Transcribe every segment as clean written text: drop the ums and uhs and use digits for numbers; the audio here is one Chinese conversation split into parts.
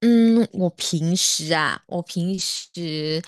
嗯，我平时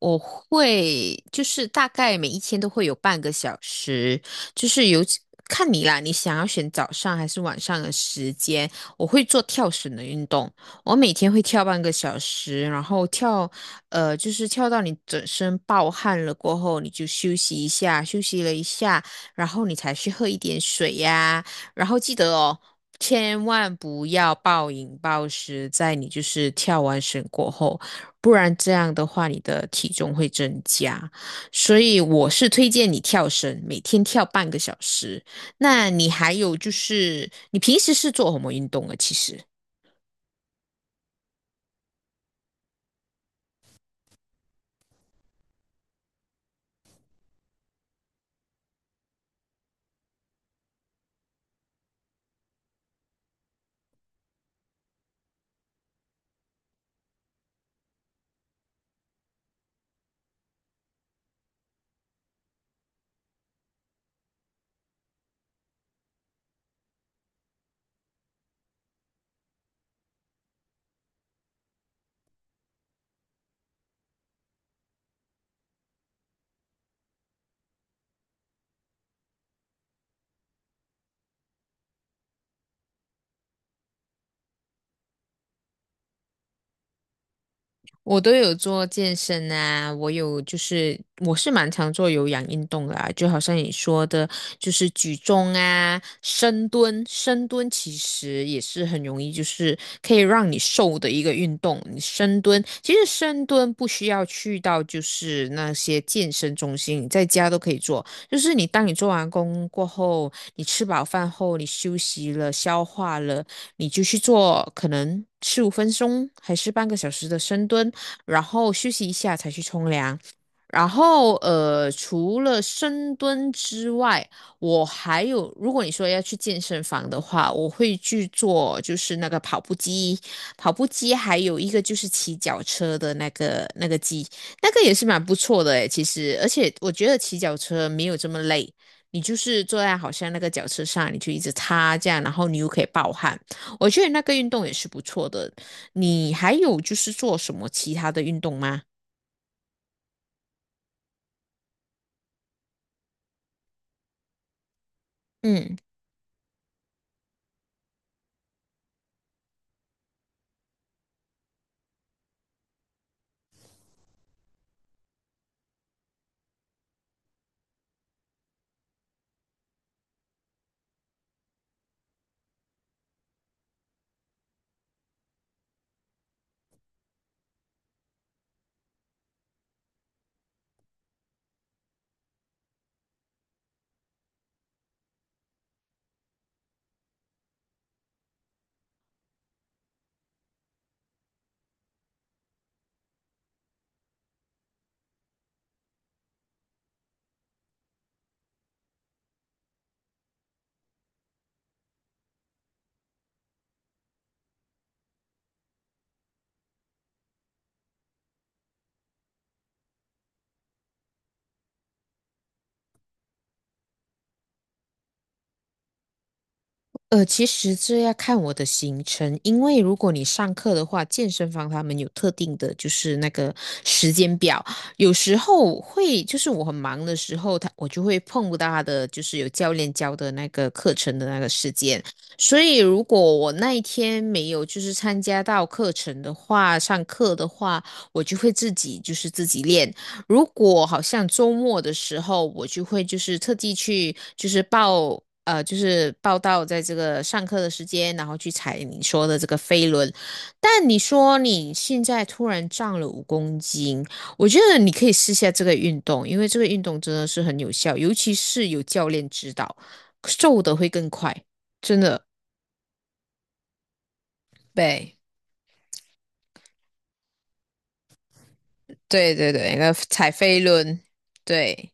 我会就是大概每一天都会有半个小时，就是有几看你啦，你想要选早上还是晚上的时间，我会做跳绳的运动，我每天会跳半个小时，然后跳，就是跳到你整身暴汗了过后，你就休息一下，休息了一下，然后你才去喝一点水呀、然后记得哦，千万不要暴饮暴食，在你就是跳完绳过后，不然这样的话你的体重会增加。所以我是推荐你跳绳，每天跳半个小时。那你还有就是，你平时是做什么运动啊？其实。我都有做健身啊，我有就是我是蛮常做有氧运动的啊，就好像你说的，就是举重啊、深蹲，深蹲其实也是很容易，就是可以让你瘦的一个运动。你深蹲其实深蹲不需要去到就是那些健身中心，你在家都可以做。就是你当你做完工过后，你吃饱饭后，你休息了、消化了，你就去做可能15分钟还是半个小时的深蹲。然后休息一下才去冲凉。然后除了深蹲之外，我还有，如果你说要去健身房的话，我会去做就是那个跑步机，跑步机还有一个就是骑脚车的那个机，那个也是蛮不错的诶，其实，而且我觉得骑脚车没有这么累。你就是坐在好像那个脚车上，你就一直擦这样，然后你又可以暴汗，我觉得那个运动也是不错的。你还有就是做什么其他的运动吗？嗯，其实这要看我的行程，因为如果你上课的话，健身房他们有特定的，就是那个时间表，有时候会就是我很忙的时候，他我就会碰不到他的，就是有教练教的那个课程的那个时间，所以如果我那一天没有就是参加到课程的话，上课的话，我就会自己就是自己练。如果好像周末的时候，我就会就是特地去就是报就是报到在这个上课的时间，然后去踩你说的这个飞轮。但你说你现在突然涨了5公斤，我觉得你可以试下这个运动，因为这个运动真的是很有效，尤其是有教练指导，瘦的会更快，真的。对，对对对，那个踩飞轮，对。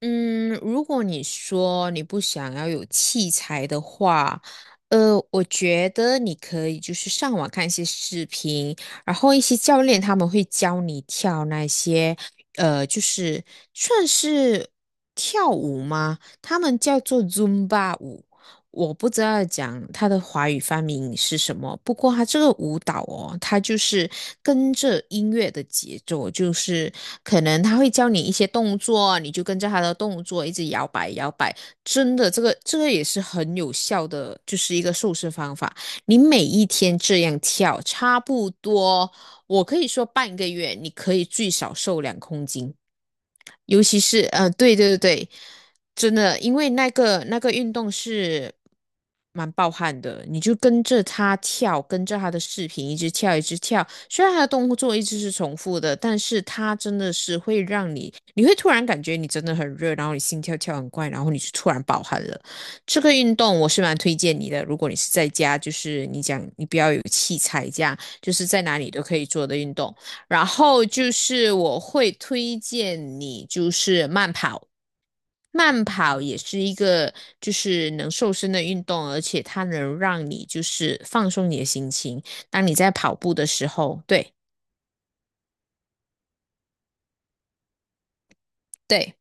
嗯，如果你说你不想要有器材的话，我觉得你可以就是上网看一些视频，然后一些教练他们会教你跳那些，就是算是跳舞吗？他们叫做 Zumba 舞。我不知道讲他的华语发明是什么，不过他这个舞蹈哦，他就是跟着音乐的节奏，就是可能他会教你一些动作，你就跟着他的动作一直摇摆摇摆。真的，这个也是很有效的，就是一个瘦身方法。你每一天这样跳，差不多，我可以说半个月，你可以最少瘦2公斤。尤其是对对对，真的，因为那个运动是蛮暴汗的，你就跟着他跳，跟着他的视频一直跳，一直跳。虽然他的动作一直是重复的，但是他真的是会让你，你会突然感觉你真的很热，然后你心跳跳很快，然后你就突然暴汗了。这个运动我是蛮推荐你的，如果你是在家，就是你讲你不要有器材这样，就是在哪里都可以做的运动。然后就是我会推荐你就是慢跑，慢跑也是一个就是能瘦身的运动，而且它能让你就是放松你的心情。当你在跑步的时候，对对。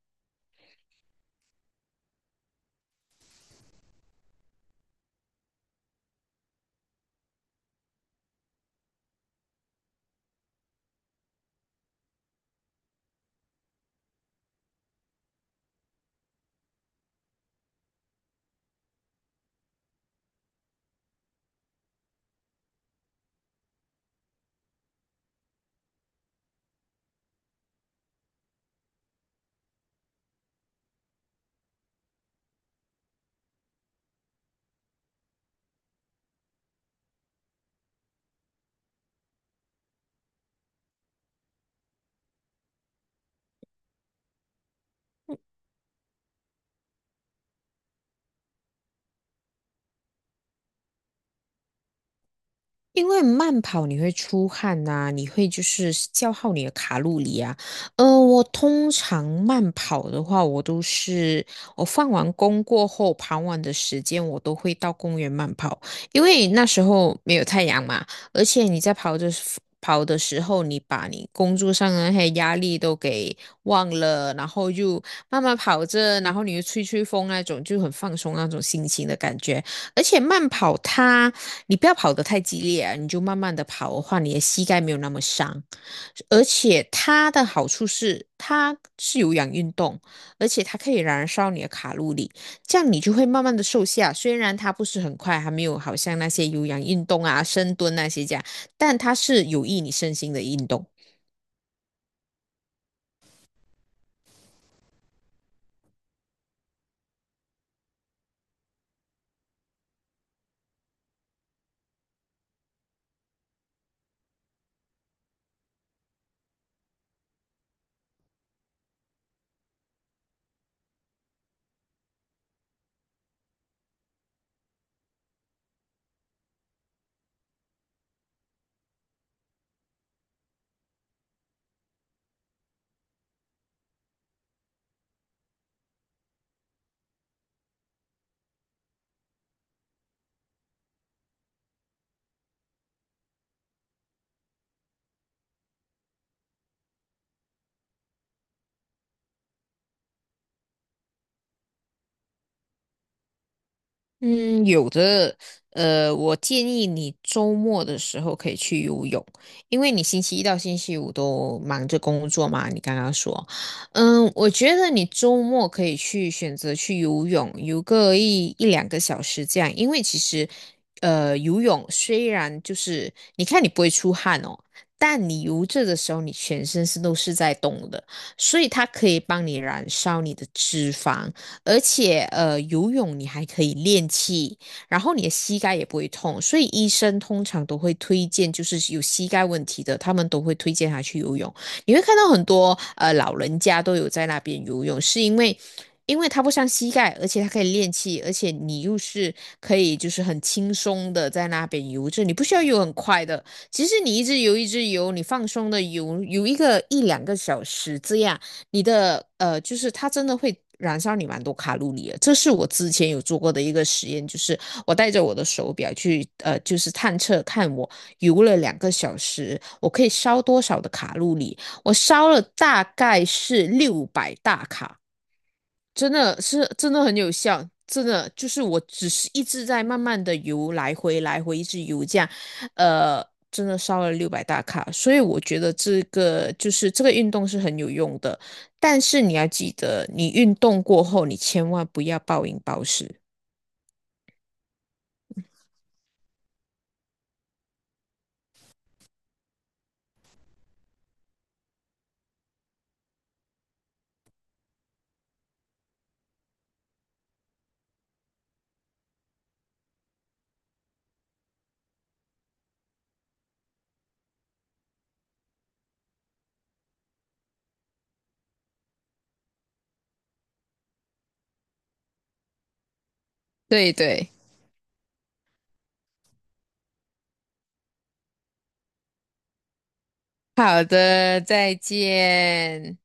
因为慢跑你会出汗呐、你会就是消耗你的卡路里啊。我通常慢跑的话，我都是我放完工过后，傍晚的时间我都会到公园慢跑，因为那时候没有太阳嘛，而且你在跑的时候，你把你工作上的那些压力都给忘了，然后就慢慢跑着，然后你又吹吹风那种，就很放松那种心情的感觉。而且慢跑它，你不要跑得太激烈啊，你就慢慢的跑的话，你的膝盖没有那么伤。而且它的好处是，它是有氧运动，而且它可以燃烧你的卡路里，这样你就会慢慢的瘦下。虽然它不是很快，还没有好像那些有氧运动啊、深蹲那些这样，但它是有益你身心的运动。嗯，有的，我建议你周末的时候可以去游泳，因为你星期一到星期五都忙着工作嘛，你刚刚说，嗯，我觉得你周末可以去选择去游泳，游个一两个小时这样，因为其实，游泳虽然就是你看你不会出汗哦，但你游着的时候，你全身是都是在动的，所以它可以帮你燃烧你的脂肪。而且游泳你还可以练气，然后你的膝盖也不会痛，所以医生通常都会推荐，就是有膝盖问题的，他们都会推荐他去游泳。你会看到很多老人家都有在那边游泳，是因为。因为他不伤膝盖，而且他可以练气，而且你又是可以就是很轻松的在那边游着，就你不需要游很快的，其实你一直游一直游，你放松的游游一个一两个小时这样，你的就是它真的会燃烧你蛮多卡路里的。这是我之前有做过的一个实验，就是我带着我的手表去就是探测看我游了两个小时，我可以烧多少的卡路里。我烧了大概是六百大卡真的是真的很有效，真的就是我只是一直在慢慢的游来回来回一直游这样，呃，真的烧了六百大卡，所以我觉得这个就是这个运动是很有用的，但是你要记得，你运动过后你千万不要暴饮暴食。对对，好的，再见。